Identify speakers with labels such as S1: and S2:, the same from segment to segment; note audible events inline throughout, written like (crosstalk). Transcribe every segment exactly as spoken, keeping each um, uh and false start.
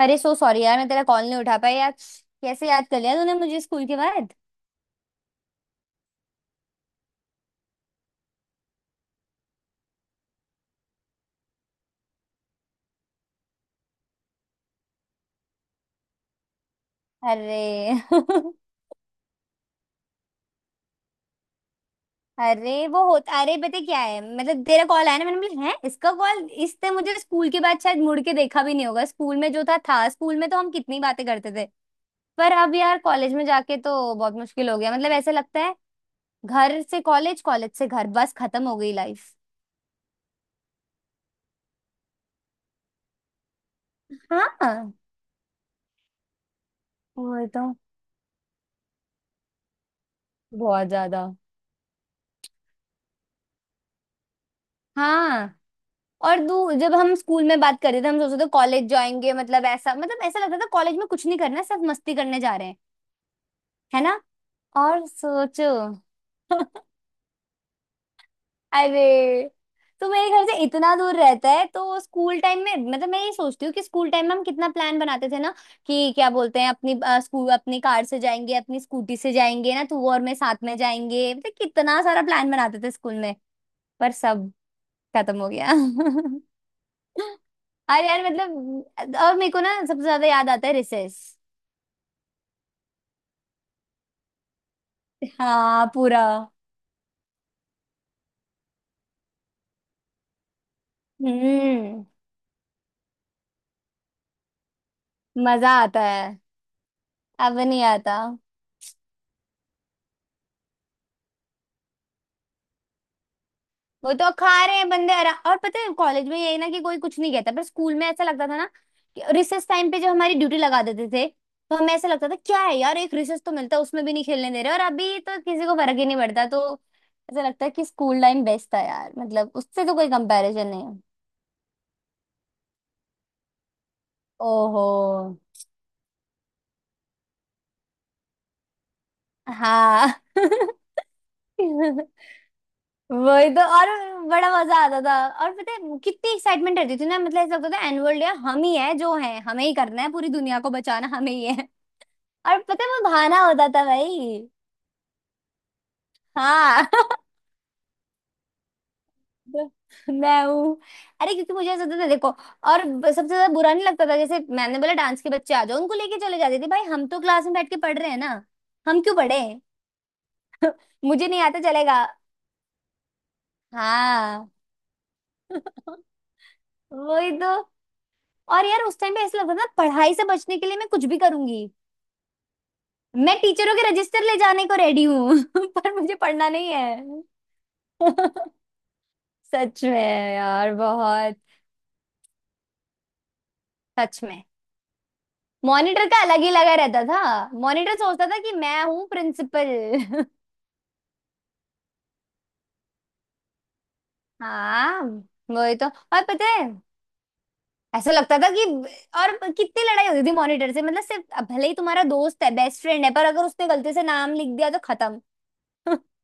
S1: अरे so sorry यार मैं तेरा कॉल नहीं उठा पाया यार। कैसे याद कर लिया तूने मुझे स्कूल के बाद। अरे (laughs) अरे वो होता अरे पता क्या है, मतलब तेरा कॉल आया ना, मैंने बोला है इसका कॉल। इसने मुझे स्कूल के बाद शायद मुड़ के देखा भी नहीं होगा, स्कूल में जो था था स्कूल में तो हम कितनी बातें करते थे। पर अब यार कॉलेज में जाके तो बहुत मुश्किल हो गया, मतलब ऐसा लगता है। घर से कॉलेज, कॉलेज से घर, बस खत्म हो गई लाइफ। हाँ। वो तो। बहुत ज्यादा। हाँ। और दू जब हम स्कूल में बात कर रहे थे हम सोच रहे थे कॉलेज जाएंगे, मतलब ऐसा मतलब ऐसा लगता था कॉलेज में कुछ नहीं करना है, सिर्फ मस्ती करने जा रहे हैं। है ना। और सोचो। (laughs) अरे तो मेरे घर से इतना दूर रहता है, तो स्कूल टाइम में, मतलब मैं ये सोचती हूँ कि स्कूल टाइम में हम कितना प्लान बनाते थे ना। कि क्या बोलते हैं अपनी अ, स्कूल अपनी कार से जाएंगे, अपनी स्कूटी से जाएंगे ना, तू और मैं साथ में जाएंगे, मतलब कितना सारा प्लान बनाते थे स्कूल में। पर सब खत्म हो गया। (laughs) अरे यार मतलब, और मेरे को ना सबसे ज्यादा याद आता है रिसेस। हाँ पूरा। हम्म। मजा आता है। अब नहीं आता। वो तो खा रहे हैं बंदे आरा, और पता है कॉलेज में यही ना कि कोई कुछ नहीं कहता, पर स्कूल में ऐसा लगता था ना कि रिसेस टाइम पे जो हमारी ड्यूटी लगा देते थे, तो हमें ऐसा लगता था क्या है यार, एक रिसेस तो मिलता है उसमें भी नहीं खेलने दे रहे, और अभी तो किसी को फर्क ही नहीं पड़ता, तो ऐसा लगता है कि स्कूल टाइम बेस्ट था यार, मतलब उससे तो कोई कंपैरिजन नहीं है। ओहो। हाँ। (laughs) वही तो। और बड़ा मजा आता था। और पता है कितनी एक्साइटमेंट रहती थी ना, मतलब ऐसा लगता था एनुअल डे हम ही है जो है, हमें ही करना है, पूरी दुनिया को बचाना हमें ही है। और पता है वो बहाना होता था भाई। हाँ। (laughs) तो मैं हूँ। अरे क्योंकि मुझे ऐसा होता था, देखो, और सबसे ज्यादा बुरा नहीं लगता था, जैसे मैंने बोला डांस के बच्चे आ जाओ, उनको लेके चले जाते थे भाई, हम तो क्लास में बैठ के पढ़ रहे हैं ना। हम क्यों पढ़े। मुझे नहीं आता चलेगा। हाँ। वही तो। और यार उस टाइम पे ऐसा लगता था ना, पढ़ाई से बचने के लिए मैं कुछ भी करूंगी। मैं टीचरों के रजिस्टर ले जाने को रेडी हूँ, (laughs) पर मुझे पढ़ना नहीं है। (laughs) सच में यार बहुत। सच में। मॉनिटर का अलग ही लगा रहता था। मॉनिटर सोचता था कि मैं हूँ प्रिंसिपल। (laughs) हाँ। वही तो। और पता है ऐसा लगता था कि, और कितनी लड़ाई होती थी मॉनिटर से, मतलब सिर्फ, भले ही तुम्हारा दोस्त है, बेस्ट फ्रेंड है, पर अगर उसने गलती से नाम लिख दिया तो खत्म। (laughs)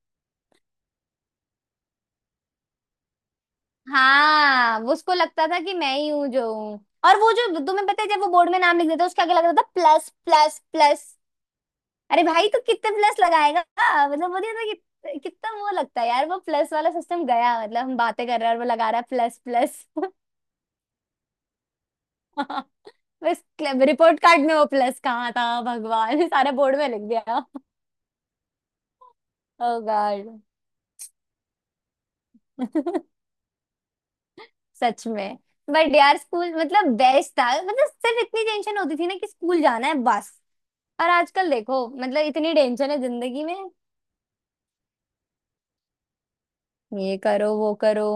S1: हाँ, वो उसको लगता था कि मैं ही हूँ जो हूँ। और वो जो तुम्हें पता है जब वो बोर्ड में नाम लिख देता उसके आगे लग रहा था प्लस प्लस प्लस। अरे भाई तू कितने प्लस लगाएगा। मतलब वो नहीं होता कि कितना वो लगता है यार, वो प्लस वाला सिस्टम गया, मतलब हम बातें कर रहे हैं और वो लगा रहा है प्लस प्लस। (laughs) बस। रिपोर्ट कार्ड में वो प्लस कहाँ था भगवान, सारा बोर्ड में लिख गया। Oh God. (laughs) सच में। बट यार स्कूल मतलब बेस्ट था, मतलब सिर्फ इतनी टेंशन होती थी ना कि स्कूल जाना है बस। और आजकल देखो, मतलब इतनी टेंशन है जिंदगी में, ये करो वो करो।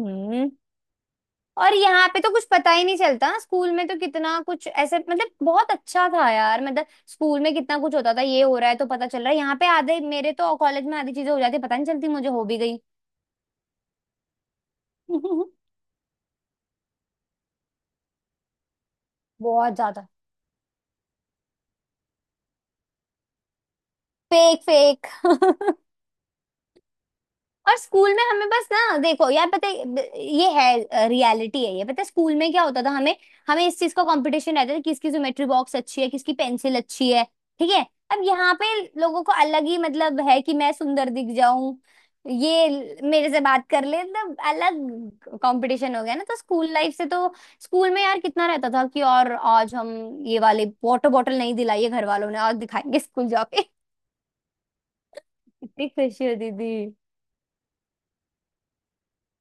S1: हम्म। और यहाँ पे तो कुछ पता ही नहीं चलता, स्कूल में तो कितना कुछ ऐसे, मतलब बहुत अच्छा था यार, मतलब स्कूल में कितना कुछ होता था, ये हो रहा है तो पता चल रहा है, यहाँ पे आधे मेरे तो कॉलेज में आधी चीजें हो जाती पता नहीं चलती मुझे, हो भी गई। (laughs) बहुत ज्यादा। Fake fake. (laughs) और स्कूल में हमें बस ना देखो यार पता है ब- ये है, रियलिटी है ये, पता है स्कूल में क्या होता था हमें। हमें इस चीज का कंपटीशन रहता था किसकी ज्योमेट्री बॉक्स अच्छी है, किसकी पेंसिल अच्छी है। ठीक है। अब यहाँ पे लोगों को अलग ही मतलब है कि मैं सुंदर दिख जाऊं, ये ल- मेरे से बात कर ले, मतलब अलग कंपटीशन हो गया ना, तो स्कूल लाइफ से तो स्कूल में यार कितना रहता था कि, और आज हम ये वाले वाटर बॉटल नहीं दिलाई है घर वालों ने और दिखाएंगे स्कूल जाके। (laughs) कितनी खुशी होती थी।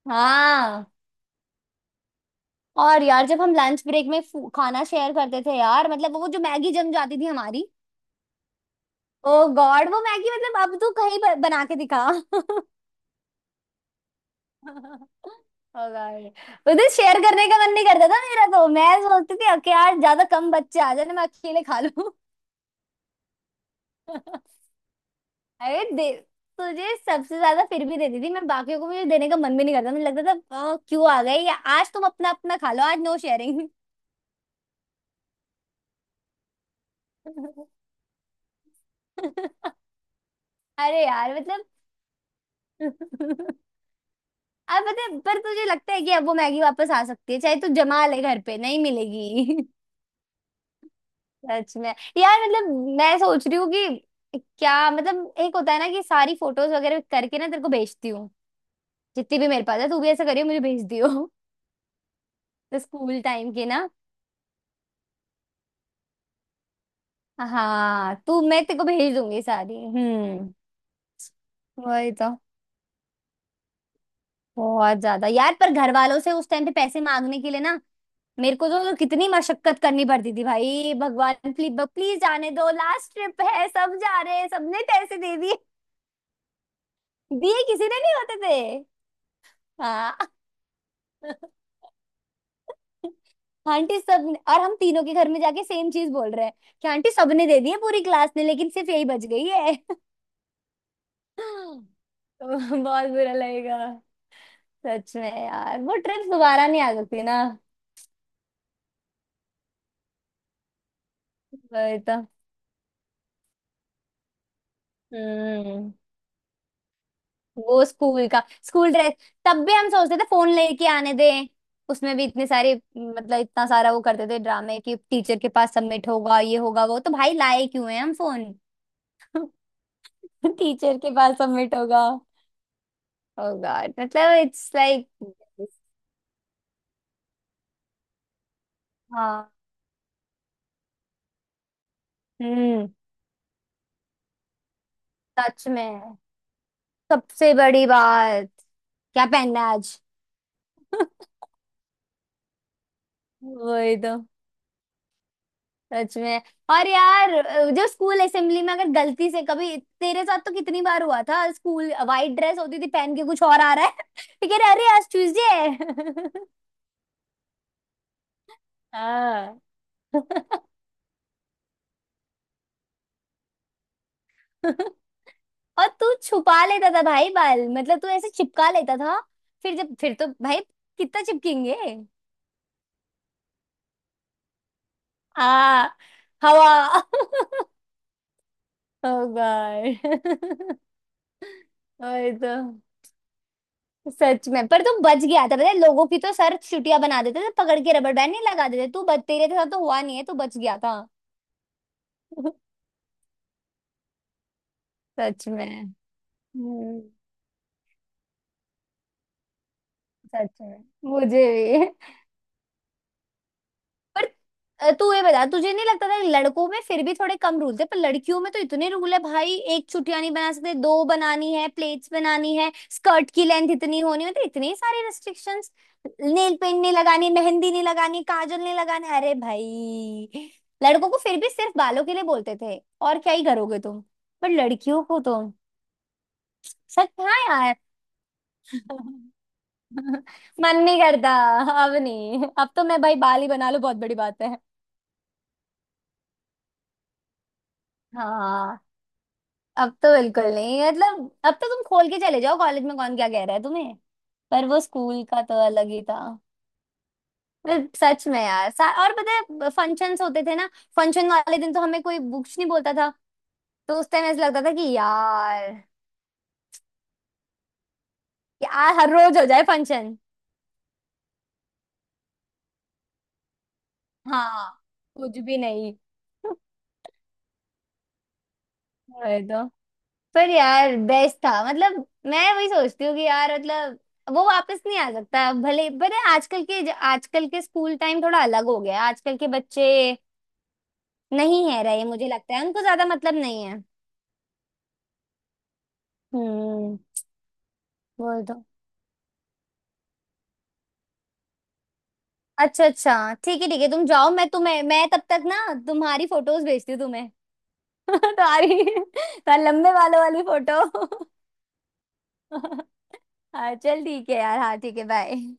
S1: हाँ। और यार जब हम लंच ब्रेक में फू- खाना शेयर करते थे यार, मतलब वो जो मैगी जम जाती थी हमारी। ओ गॉड वो मैगी, मतलब अब तू कहीं ब- बना के दिखा। (laughs) ओ गॉड। उस दिन शेयर करने का मन नहीं करता था मेरा, तो मैं सोचती थी कि यार ज्यादा कम बच्चे आ जाए ना मैं अकेले खा लूं। (laughs) अरे दे, तुझे सबसे ज्यादा फिर भी देती थी मैं, बाकियों को मुझे देने का मन भी नहीं करता, मुझे लगता था "अ, क्यों आ गए या आज, तुम अपना अपना खा लो, आज नो शेयरिंग।" (laughs) अरे यार मतलब। (laughs) अब पता है पर तुझे लगता है कि अब वो मैगी वापस आ सकती है, चाहे तू जमा ले घर पे नहीं मिलेगी। (laughs) सच में यार, मतलब मैं सोच रही हूँ कि क्या, मतलब एक होता है ना कि सारी फोटोज वगैरह करके ना तेरे को भेजती हूँ, जितनी भी मेरे पास है, तू भी ऐसा करियो मुझे भेज दियो। (laughs) तो स्कूल टाइम के ना। हाँ तू, मैं तेरे को भेज दूंगी सारी। हम्म। वही तो। बहुत ज्यादा यार, पर घर वालों से उस टाइम पे पैसे मांगने के लिए ना, मेरे को तो कितनी मशक्कत करनी पड़ती थी भाई, भगवान प्लीज प्लीज जाने दो, लास्ट ट्रिप है, सब जा रहे हैं, सबने पैसे दे दिए, दिए किसी ने नहीं होते थे। हाँ। (laughs) आंटी सब, और हम तीनों के घर में जाके सेम चीज बोल रहे हैं कि आंटी सबने दे दिए पूरी क्लास ने, लेकिन सिर्फ यही बच गई है। (laughs) तो बहुत बुरा लगेगा। सच में यार, वो ट्रिप दोबारा नहीं आ सकती ना। वही तो। हम्म। वो स्कूल का स्कूल ड्रेस। तब भी हम सोचते थे फोन लेके आने दें, उसमें भी इतने सारे, मतलब इतना सारा वो करते थे ड्रामे कि टीचर के पास सबमिट होगा, ये होगा वो, तो भाई लाए क्यों है हम फोन। (laughs) टीचर के पास सबमिट होगा। ओ गॉड, मतलब इट्स लाइक। हाँ। हम्म। सच में। सबसे बड़ी बात क्या पहनना है आज। (laughs) वही तो। सच में। और यार अ, जो स्कूल असेंबली में अगर गलती से कभी, तेरे साथ तो कितनी बार हुआ था, स्कूल वाइट ड्रेस होती थी, पहन के कुछ और आ रहा है। (laughs) ठीक है, अरे आज ट्यूसडे है। (laughs) हाँ। (laughs) और तू छुपा लेता था भाई बाल, मतलब तू ऐसे चिपका लेता था। फिर जब फिर तो भाई कितना चिपकेंगे। हाँ हवा। (laughs) ओ गॉड। (laughs) वही तो। सच में। पर तू बच गया था, पता है लोगों की तो सर चुटिया बना देते थे पकड़ के, रबर बैंड नहीं लगा देते, तू बच, तेरे साथ तो हुआ नहीं है, तू बच गया था। (laughs) सच में। हम्म। सच में। मुझे भी। पर अ, तू ये बता तुझे नहीं लगता था कि लड़कों में फिर भी थोड़े कम रूल थे, पर लड़कियों में तो इतने रूल है भाई, एक छुटिया नहीं बना सकते, दो बनानी है, प्लेट्स बनानी है, स्कर्ट की लेंथ इतनी होनी है, तो इतने सारे रेस्ट्रिक्शंस। नेल पेंट नहीं लगानी, मेहंदी नहीं लगानी, काजल नहीं लगानी, अरे भाई। लड़कों को फिर भी सिर्फ बालों के लिए बोलते थे, और क्या ही करोगे तुम। पर लड़कियों को तो सच में, हाँ यार। (laughs) मन नहीं करता। अब नहीं। अब तो मैं भाई बाल ही बना लूं बहुत बड़ी बात है। हाँ। अब तो बिल्कुल नहीं, मतलब अब तो तुम खोल के चले जाओ, कॉलेज में कौन क्या कह रहा है तुम्हें। पर वो स्कूल का तो अलग ही था। मतलब सच में यार सा- और पता है फंक्शंस होते थे ना। फंक्शन वाले दिन तो हमें कोई बुक्स नहीं बोलता था, तो उस टाइम ऐसा लगता था कि यार, यार हर रोज हो जाए फंक्शन। हाँ कुछ भी नहीं। वही तो। पर यार बेस्ट था, मतलब मैं वही सोचती हूँ कि यार मतलब, वो वापस नहीं आ सकता भले, पर आजकल के आजकल के स्कूल टाइम थोड़ा अलग हो गया है। आजकल के बच्चे नहीं है रही, मुझे लगता है उनको ज्यादा मतलब नहीं है। हम्म। बोल दो। अच्छा अच्छा ठीक है ठीक है तुम जाओ, मैं तुम्हें, मैं तब तक ना तुम्हारी फोटोज भेजती हूँ तुम्हें। (laughs) तुम्हारी, तुम्हारे लंबे बालों वाली फोटो। (laughs) हाँ चल ठीक है यार, हाँ ठीक है बाय।